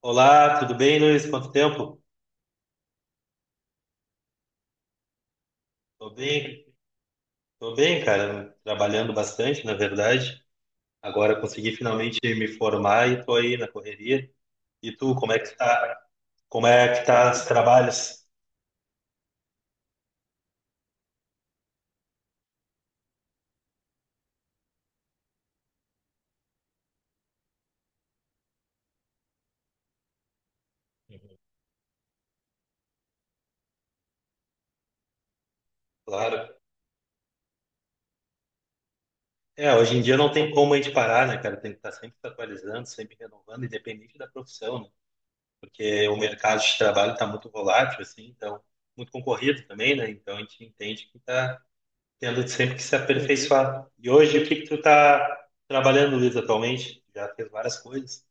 Olá, tudo bem, Luiz? Quanto tempo? Tô bem, tô bem, cara. Trabalhando bastante, na verdade. Agora consegui finalmente me formar e tô aí na correria. E tu, como é que tá? Como é que tá os trabalhos? Claro. Hoje em dia não tem como a gente parar, né, cara? Tem que estar sempre se atualizando, sempre renovando, independente da profissão, né? Porque o mercado de trabalho está muito volátil, assim, então muito concorrido também, né? Então a gente entende que está tendo sempre que se aperfeiçoar. E hoje, o que que tu tá trabalhando, Luiz, atualmente? Já fez várias coisas.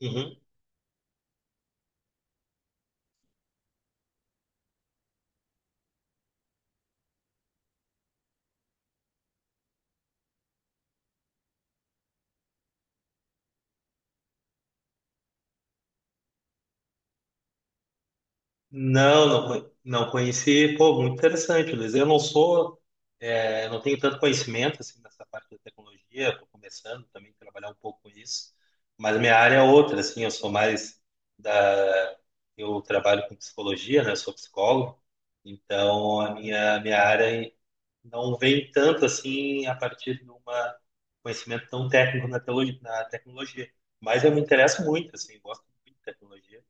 Uhum. Não, não, não conheci. Pô, muito interessante, Luiz. Eu não sou, não tenho tanto conhecimento assim nessa parte da tecnologia. Estou começando também a trabalhar um pouco com isso, mas minha área é outra, assim. Eu sou mais da, eu trabalho com psicologia, né? Eu sou psicólogo, então a minha área é não vem tanto assim a partir de um conhecimento tão técnico na teologia, na tecnologia. Mas eu me interesso muito, assim, gosto muito de tecnologia.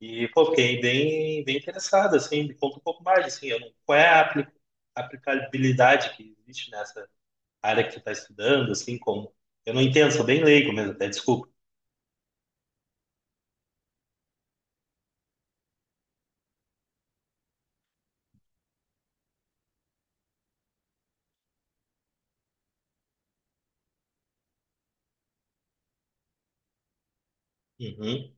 E, pô, fiquei bem, bem interessado, assim, me conta um pouco mais, assim, eu não, qual é a aplicabilidade que existe nessa área que tu está estudando, assim, como... Eu não entendo, sou bem leigo mesmo, até desculpa. Uhum,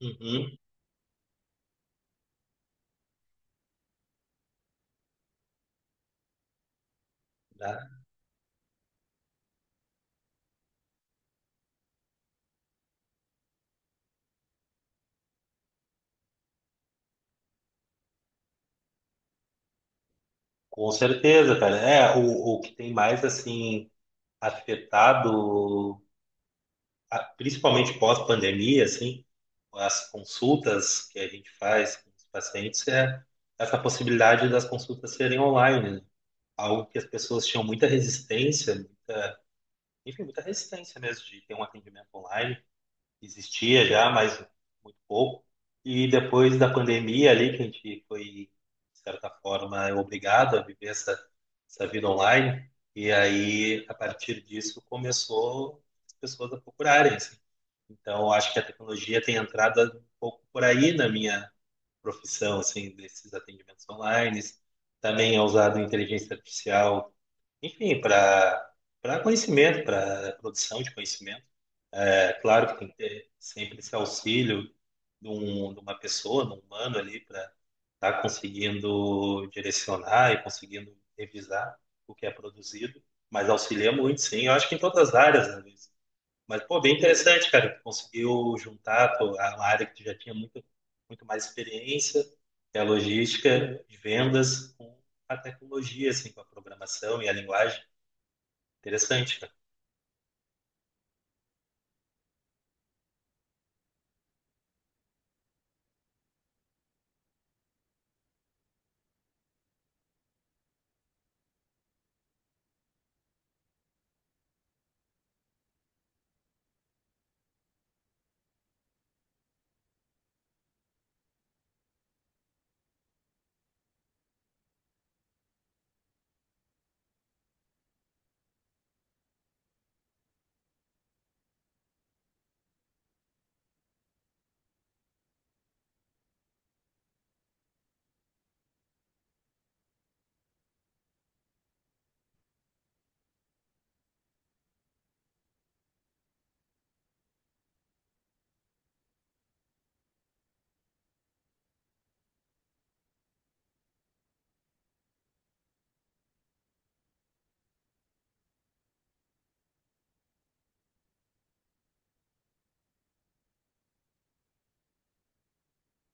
uhum, né? Com certeza, cara. É, o que tem mais, assim, afetado principalmente pós-pandemia, assim, as consultas que a gente faz com os pacientes é essa possibilidade das consultas serem online, né? Algo que as pessoas tinham muita resistência, muita, enfim, muita resistência mesmo de ter um atendimento online. Existia já, mas muito pouco. E depois da pandemia ali, que a gente foi, de certa forma, obrigado a viver essa, essa vida online, e aí, a partir disso, começou as pessoas a procurarem, assim, então, eu acho que a tecnologia tem entrado um pouco por aí na minha profissão, assim, desses atendimentos online. Também é usado inteligência artificial, enfim, para conhecimento, para produção de conhecimento. É claro que tem que ter sempre esse auxílio de, um, de uma pessoa, de um humano ali, para estar conseguindo direcionar e conseguindo revisar o que é produzido. Mas auxilia muito, sim. Eu acho que em todas as áreas, né, Luiz? Mas, pô, bem interessante, cara. Tu conseguiu juntar a a área que tu já tinha muito, muito mais experiência, que é a logística de vendas, com a tecnologia, assim, com a programação e a linguagem. Interessante, cara.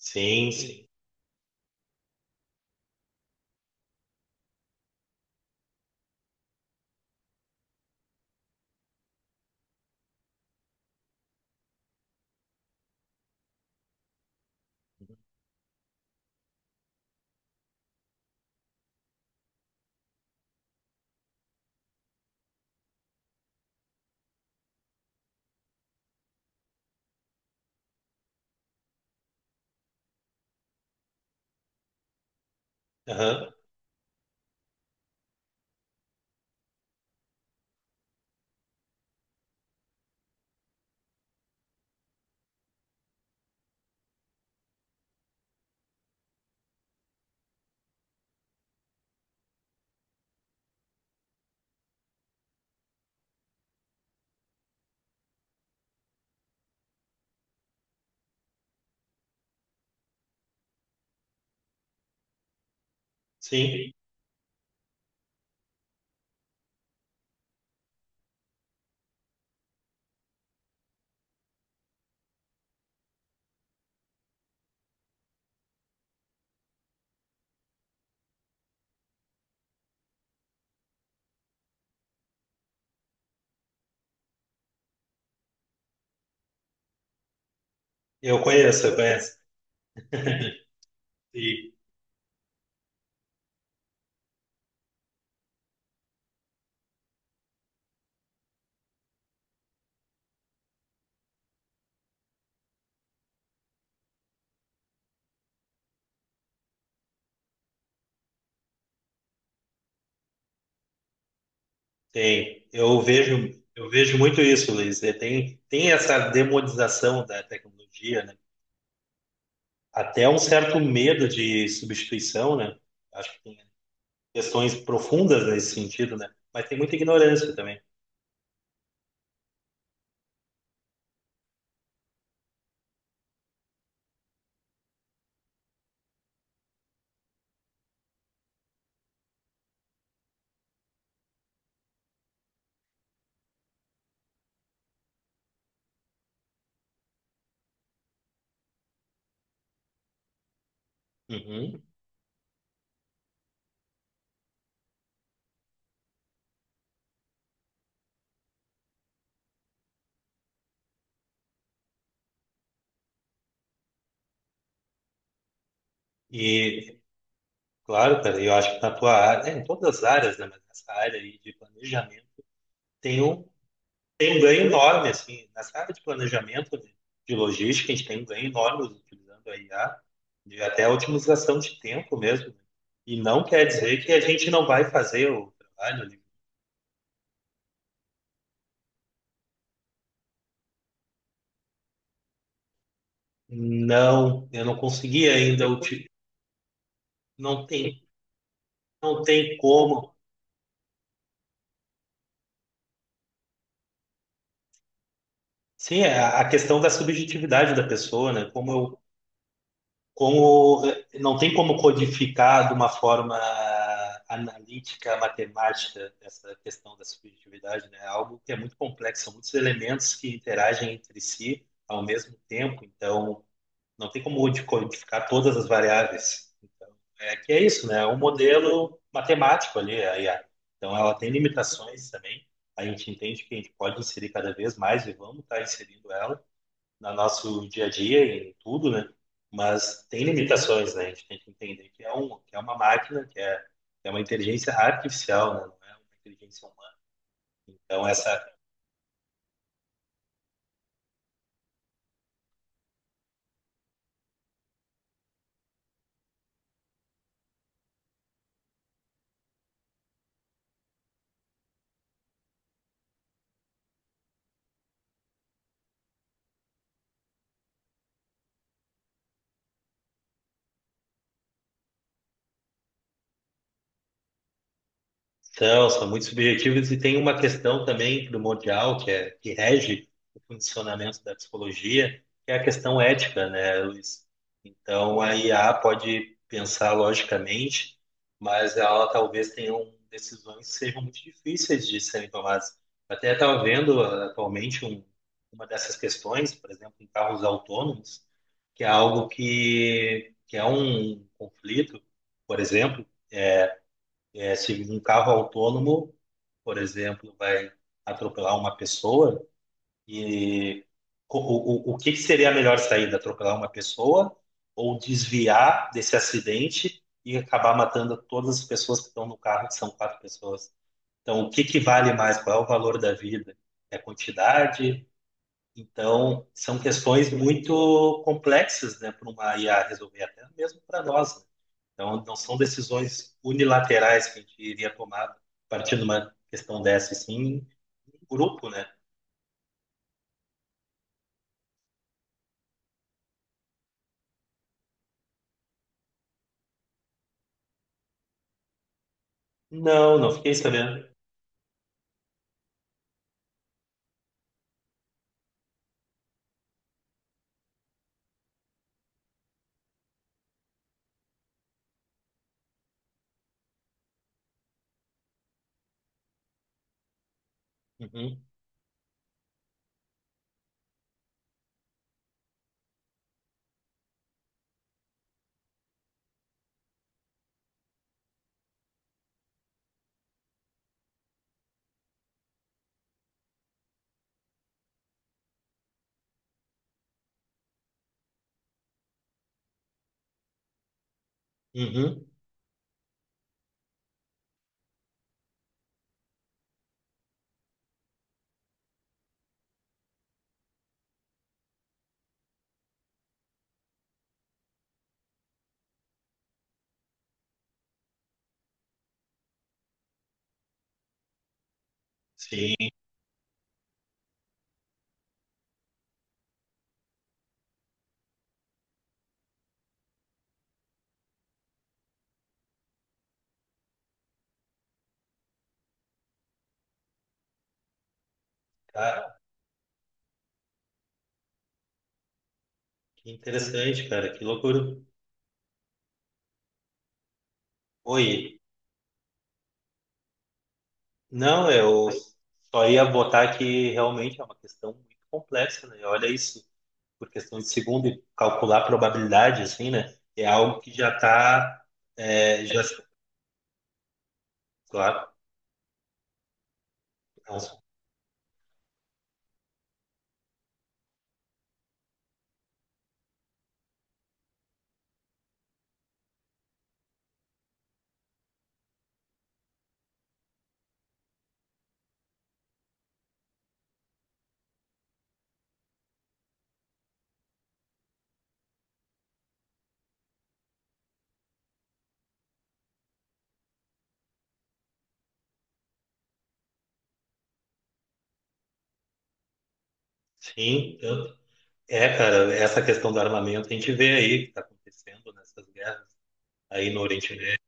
Sim, sim. Aham, sim. Eu conheço, eu conheço. Sim, tem. Eu vejo muito isso, Luiz. É, tem, tem essa demonização da tecnologia, né? Até um certo medo de substituição, né? Acho que tem questões profundas nesse sentido, né? Mas tem muita ignorância também. Uhum. E, claro, cara, eu acho que na tua área, é, em todas as áreas, né? Mas nessa área aí de planejamento, tem um, tem um ganho enorme, assim, nessa área de planejamento, de logística, a gente tem um ganho enorme utilizando a IA, de até a otimização de tempo mesmo, né? E não quer dizer que a gente não vai fazer o trabalho, né? Não, eu não consegui ainda, não tem, não tem como. Sim, é a questão da subjetividade da pessoa, né? Como eu, como não tem como codificar de uma forma analítica, matemática essa questão da subjetividade, né? É algo que é muito complexo, são muitos elementos que interagem entre si ao mesmo tempo, então não tem como de codificar todas as variáveis. Então, é que é isso, né? É um modelo matemático ali, a IA. Então ela tem limitações também. A gente entende que a gente pode inserir cada vez mais e vamos estar inserindo ela no nosso dia a dia, em tudo, né? Mas tem limitações, né? A gente tem que entender que é, um, que é uma máquina, que é uma inteligência artificial, né? Não é uma inteligência humana. Então, essa são, são muito subjetivos e tem uma questão também primordial que é que rege o funcionamento da psicologia, que é a questão ética, né, Luiz? Então a IA pode pensar logicamente, mas ela talvez tenha um- decisões que sejam muito difíceis de serem tomadas. Até estava vendo ah, atualmente um, uma dessas questões, por exemplo, em carros autônomos, que é algo que é um conflito, por exemplo é, se um carro autônomo, por exemplo, vai atropelar uma pessoa, e o que que seria a melhor saída? Atropelar uma pessoa ou desviar desse acidente e acabar matando todas as pessoas que estão no carro, que são 4 pessoas? Então, o que que vale mais? Qual é o valor da vida? É a quantidade? Então, são questões muito complexas, né, para uma IA resolver, até mesmo para nós, né? Então, não são decisões unilaterais que a gente iria tomar a partir de uma questão dessa, e sim, um grupo, né? Não, não fiquei sabendo. Uhum, uhum. Sim, cara, que interessante, cara, que loucura. Oi, não, eu só ia botar que realmente é uma questão muito complexa, né? Olha isso, por questão de segundo, e calcular a probabilidade, assim, né? É algo que já está, já, claro, é um- sim, é, cara, essa questão do armamento a gente vê aí que está acontecendo nessas guerras aí no Oriente Médio,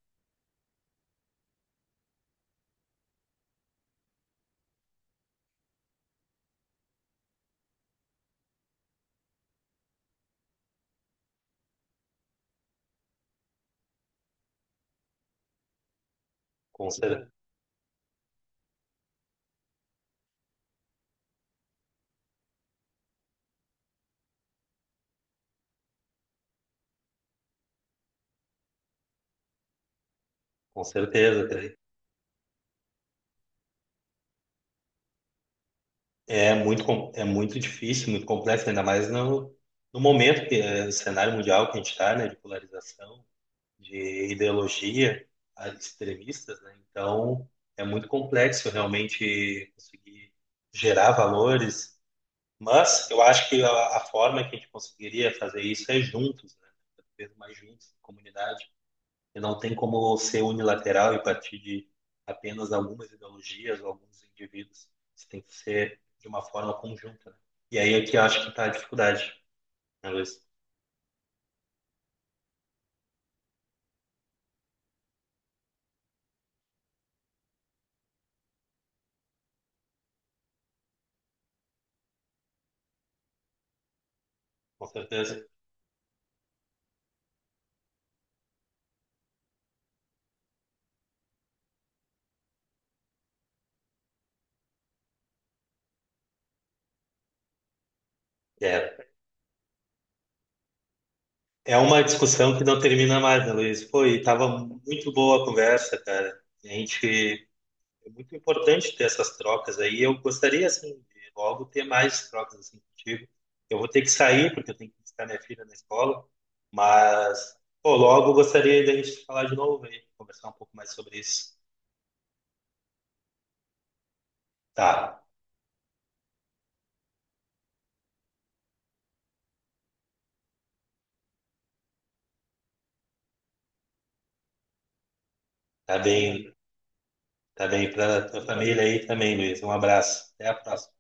com, cer com certeza, cara. É muito, é muito difícil, muito complexo, ainda mais no, no momento que é o cenário mundial que a gente está, né, de polarização, de ideologia ah, extremistas, né? Então é muito complexo realmente conseguir gerar valores, mas eu acho que a forma que a gente conseguiria fazer isso é juntos, né? Cada vez mais juntos, comunidade. E não tem como ser unilateral e partir de apenas algumas ideologias ou alguns indivíduos. Isso tem que ser de uma forma conjunta, né? E aí é que eu acho que está a dificuldade, né, Luiz? Com certeza. É, é uma discussão que não termina mais, né, Luiz? Pô, e tava muito boa a conversa, cara. A gente é muito importante ter essas trocas aí. Eu gostaria, assim, de logo ter mais trocas assim contigo. Eu vou ter que sair, porque eu tenho que buscar minha filha na escola, mas, pô, logo eu gostaria da gente falar de novo aí, conversar um pouco mais sobre isso. Tá, tá bem, tá bem para tua família aí também, Luiz. Um abraço. Até a próxima.